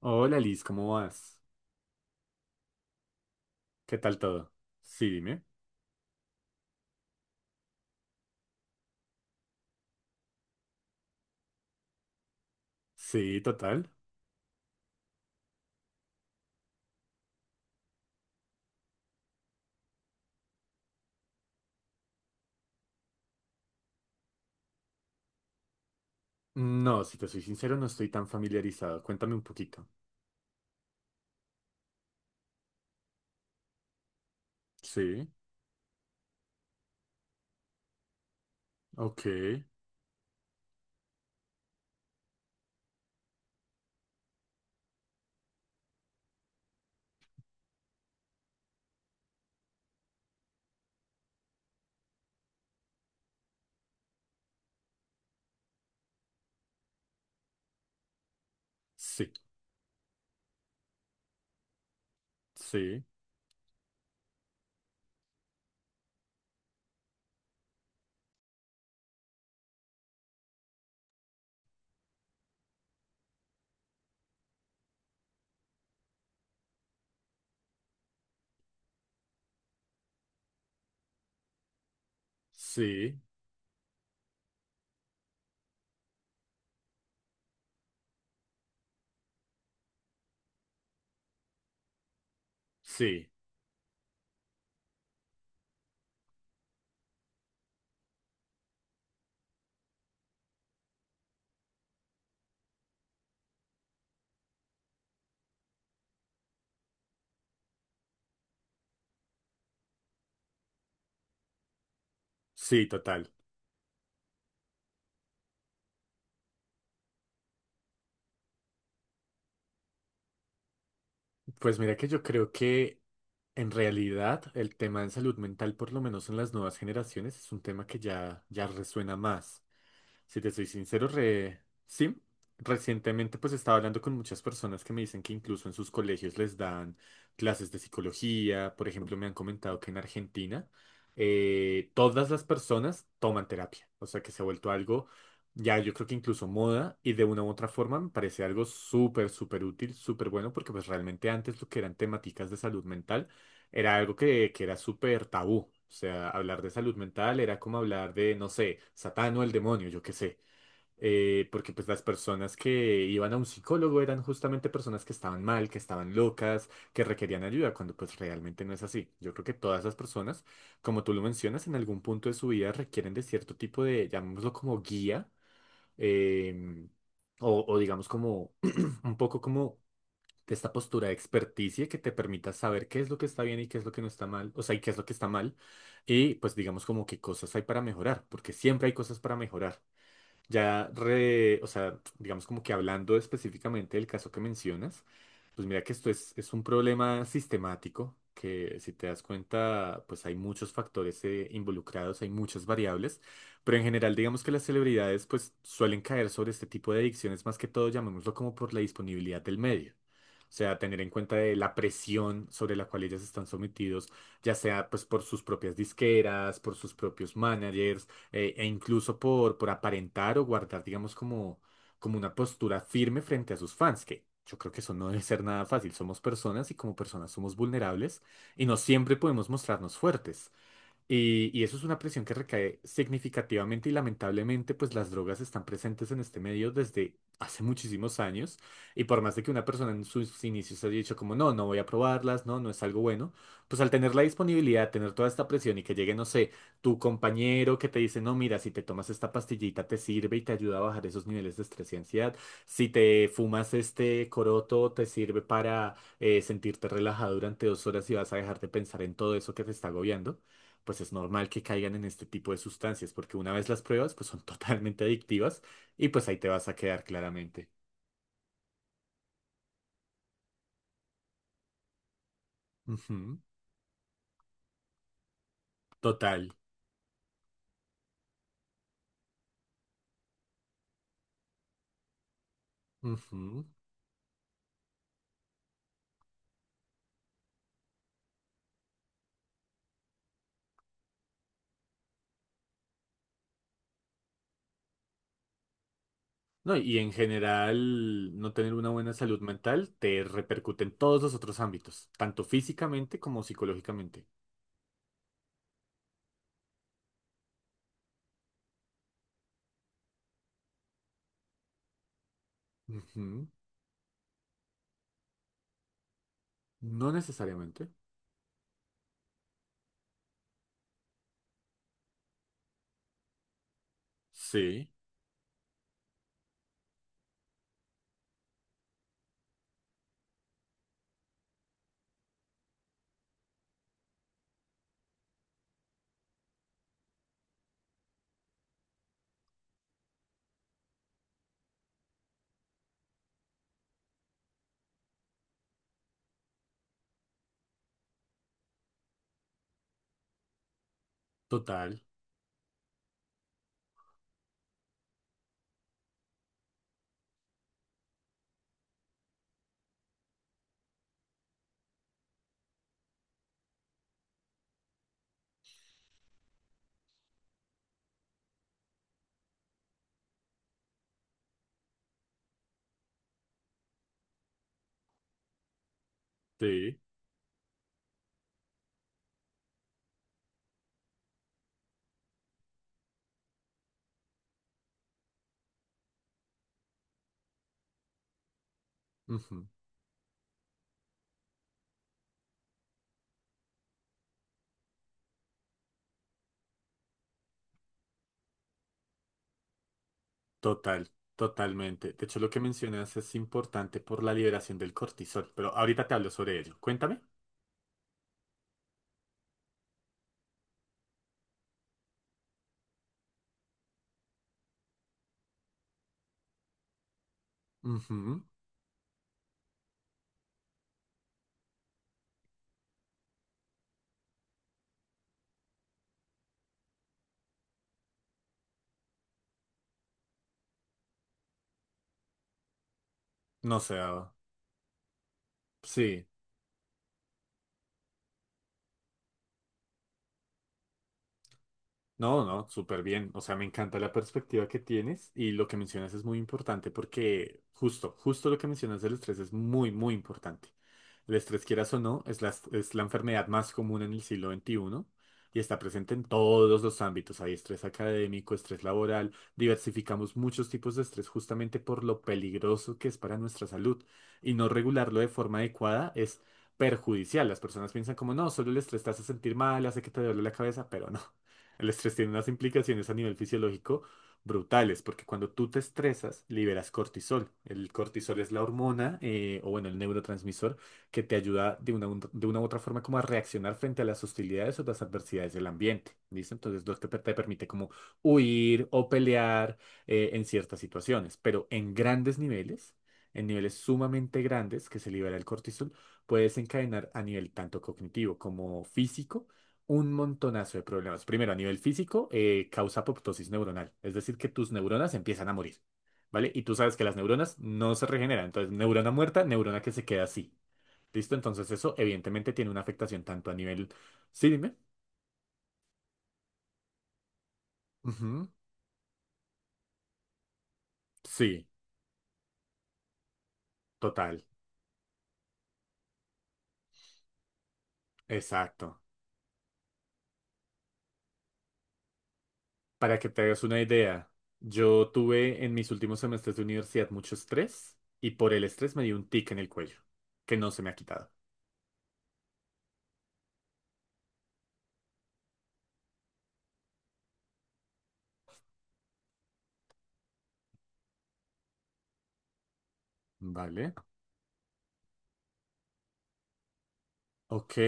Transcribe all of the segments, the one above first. Hola Liz, ¿cómo vas? ¿Qué tal todo? Sí, dime. Sí, total. No, si te soy sincero, no estoy tan familiarizado. Cuéntame un poquito. Sí, ok. Sí, sí, sí, sí, sí, total. Pues mira que yo creo que en realidad el tema de salud mental, por lo menos en las nuevas generaciones, es un tema que ya resuena más. Si te soy sincero, sí, recientemente pues estaba hablando con muchas personas que me dicen que incluso en sus colegios les dan clases de psicología. Por ejemplo, me han comentado que en Argentina todas las personas toman terapia. O sea, que se ha vuelto algo ya, yo creo que incluso moda y de una u otra forma me parece algo súper, súper útil, súper bueno, porque pues realmente antes lo que eran temáticas de salud mental era algo que era súper tabú. O sea, hablar de salud mental era como hablar de, no sé, Satán o el demonio, yo qué sé. Porque pues las personas que iban a un psicólogo eran justamente personas que estaban mal, que estaban locas, que requerían ayuda, cuando pues realmente no es así. Yo creo que todas esas personas, como tú lo mencionas, en algún punto de su vida requieren de cierto tipo de, llamémoslo como guía, eh, o digamos como un poco como de esta postura de experticia que te permita saber qué es lo que está bien y qué es lo que no está mal, o sea, y qué es lo que está mal, y pues digamos como qué cosas hay para mejorar, porque siempre hay cosas para mejorar. Ya, o sea, digamos como que hablando específicamente del caso que mencionas, pues mira que esto es un problema sistemático, que si te das cuenta, pues hay muchos factores involucrados, hay muchas variables, pero en general digamos que las celebridades pues suelen caer sobre este tipo de adicciones, más que todo llamémoslo como por la disponibilidad del medio. O sea, tener en cuenta de la presión sobre la cual ellas están sometidos, ya sea pues por sus propias disqueras, por sus propios managers, e incluso por aparentar o guardar, digamos, como, como una postura firme frente a sus fans, que yo creo que eso no debe ser nada fácil. Somos personas y como personas somos vulnerables y no siempre podemos mostrarnos fuertes. Y eso es una presión que recae significativamente y lamentablemente, pues las drogas están presentes en este medio desde hace muchísimos años. Y por más de que una persona en sus inicios haya dicho como, no, no voy a probarlas, no, no es algo bueno, pues al tener la disponibilidad, tener toda esta presión y que llegue, no sé, tu compañero que te dice, no, mira, si te tomas esta pastillita te sirve y te ayuda a bajar esos niveles de estrés y ansiedad. Si te fumas este coroto te sirve para sentirte relajado durante 2 horas y vas a dejar de pensar en todo eso que te está agobiando, pues es normal que caigan en este tipo de sustancias, porque una vez las pruebas, pues son totalmente adictivas y pues ahí te vas a quedar claramente. Ujú. Total. Ujú. No, y en general, no tener una buena salud mental te repercute en todos los otros ámbitos, tanto físicamente como psicológicamente. Ujú. No necesariamente. Sí, total, sí, ujú, total, totalmente. De hecho, lo que mencionas es importante por la liberación del cortisol, pero ahorita te hablo sobre ello. Cuéntame. Ujú. No sé, Ava. Sí, no, no, súper bien. O sea, me encanta la perspectiva que tienes y lo que mencionas es muy importante porque justo, justo lo que mencionas del estrés es muy, muy importante. El estrés, quieras o no, es la enfermedad más común en el siglo XXI y está presente en todos los ámbitos. Hay estrés académico, estrés laboral, diversificamos muchos tipos de estrés justamente por lo peligroso que es para nuestra salud, y no regularlo de forma adecuada es perjudicial. Las personas piensan como, no, solo el estrés te hace sentir mal, hace que te duele la cabeza, pero no. El estrés tiene unas implicaciones a nivel fisiológico brutales, porque cuando tú te estresas, liberas cortisol. El cortisol es la hormona, o bueno, el neurotransmisor, que te ayuda de una u otra forma como a reaccionar frente a las hostilidades o las adversidades del ambiente. ¿Listo? Entonces, lo que te permite como huir o pelear en ciertas situaciones, pero en grandes niveles, en niveles sumamente grandes que se libera el cortisol, puede desencadenar a nivel tanto cognitivo como físico un montonazo de problemas. Primero, a nivel físico, causa apoptosis neuronal, es decir, que tus neuronas empiezan a morir, ¿vale? Y tú sabes que las neuronas no se regeneran, entonces neurona muerta, neurona que se queda así, ¿listo? Entonces eso evidentemente tiene una afectación tanto a nivel... Sí, dime. Ujú. Sí, total, exacto. Para que te hagas una idea, yo tuve en mis últimos semestres de universidad mucho estrés y por el estrés me dio un tic en el cuello, que no se me ha quitado, ¿vale? Ok,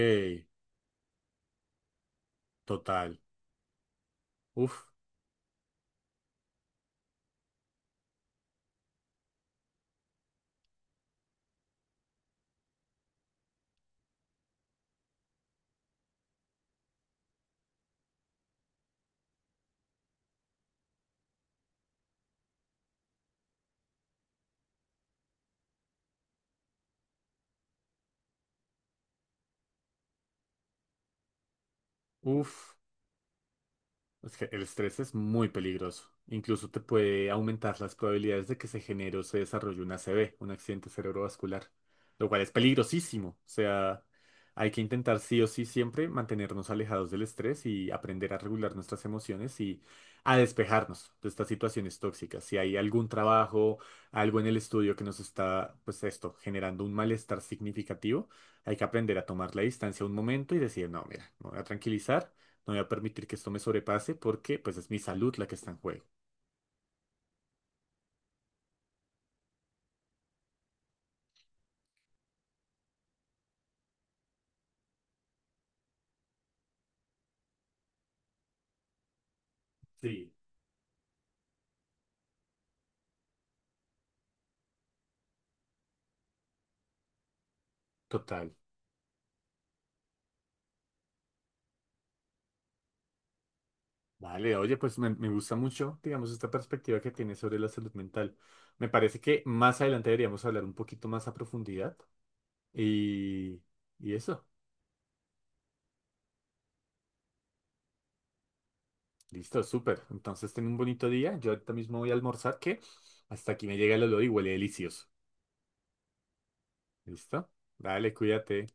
total. Uf. Uf, es que el estrés es muy peligroso. Incluso te puede aumentar las probabilidades de que se genere o se desarrolle un ACV, un accidente cerebrovascular, lo cual es peligrosísimo. O sea, hay que intentar sí o sí siempre mantenernos alejados del estrés y aprender a regular nuestras emociones y a despejarnos de estas situaciones tóxicas. Si hay algún trabajo, algo en el estudio que nos está, pues esto, generando un malestar significativo, hay que aprender a tomar la distancia un momento y decir, no, mira, me voy a tranquilizar. No voy a permitir que esto me sobrepase porque pues es mi salud la que está en juego. Sí. Total. Vale, oye, pues me gusta mucho, digamos, esta perspectiva que tienes sobre la salud mental. Me parece que más adelante deberíamos hablar un poquito más a profundidad. Y, y eso, listo, súper. Entonces, ten un bonito día. Yo ahorita mismo voy a almorzar, que hasta aquí me llega el olor y huele delicioso. ¿Listo? Dale, cuídate.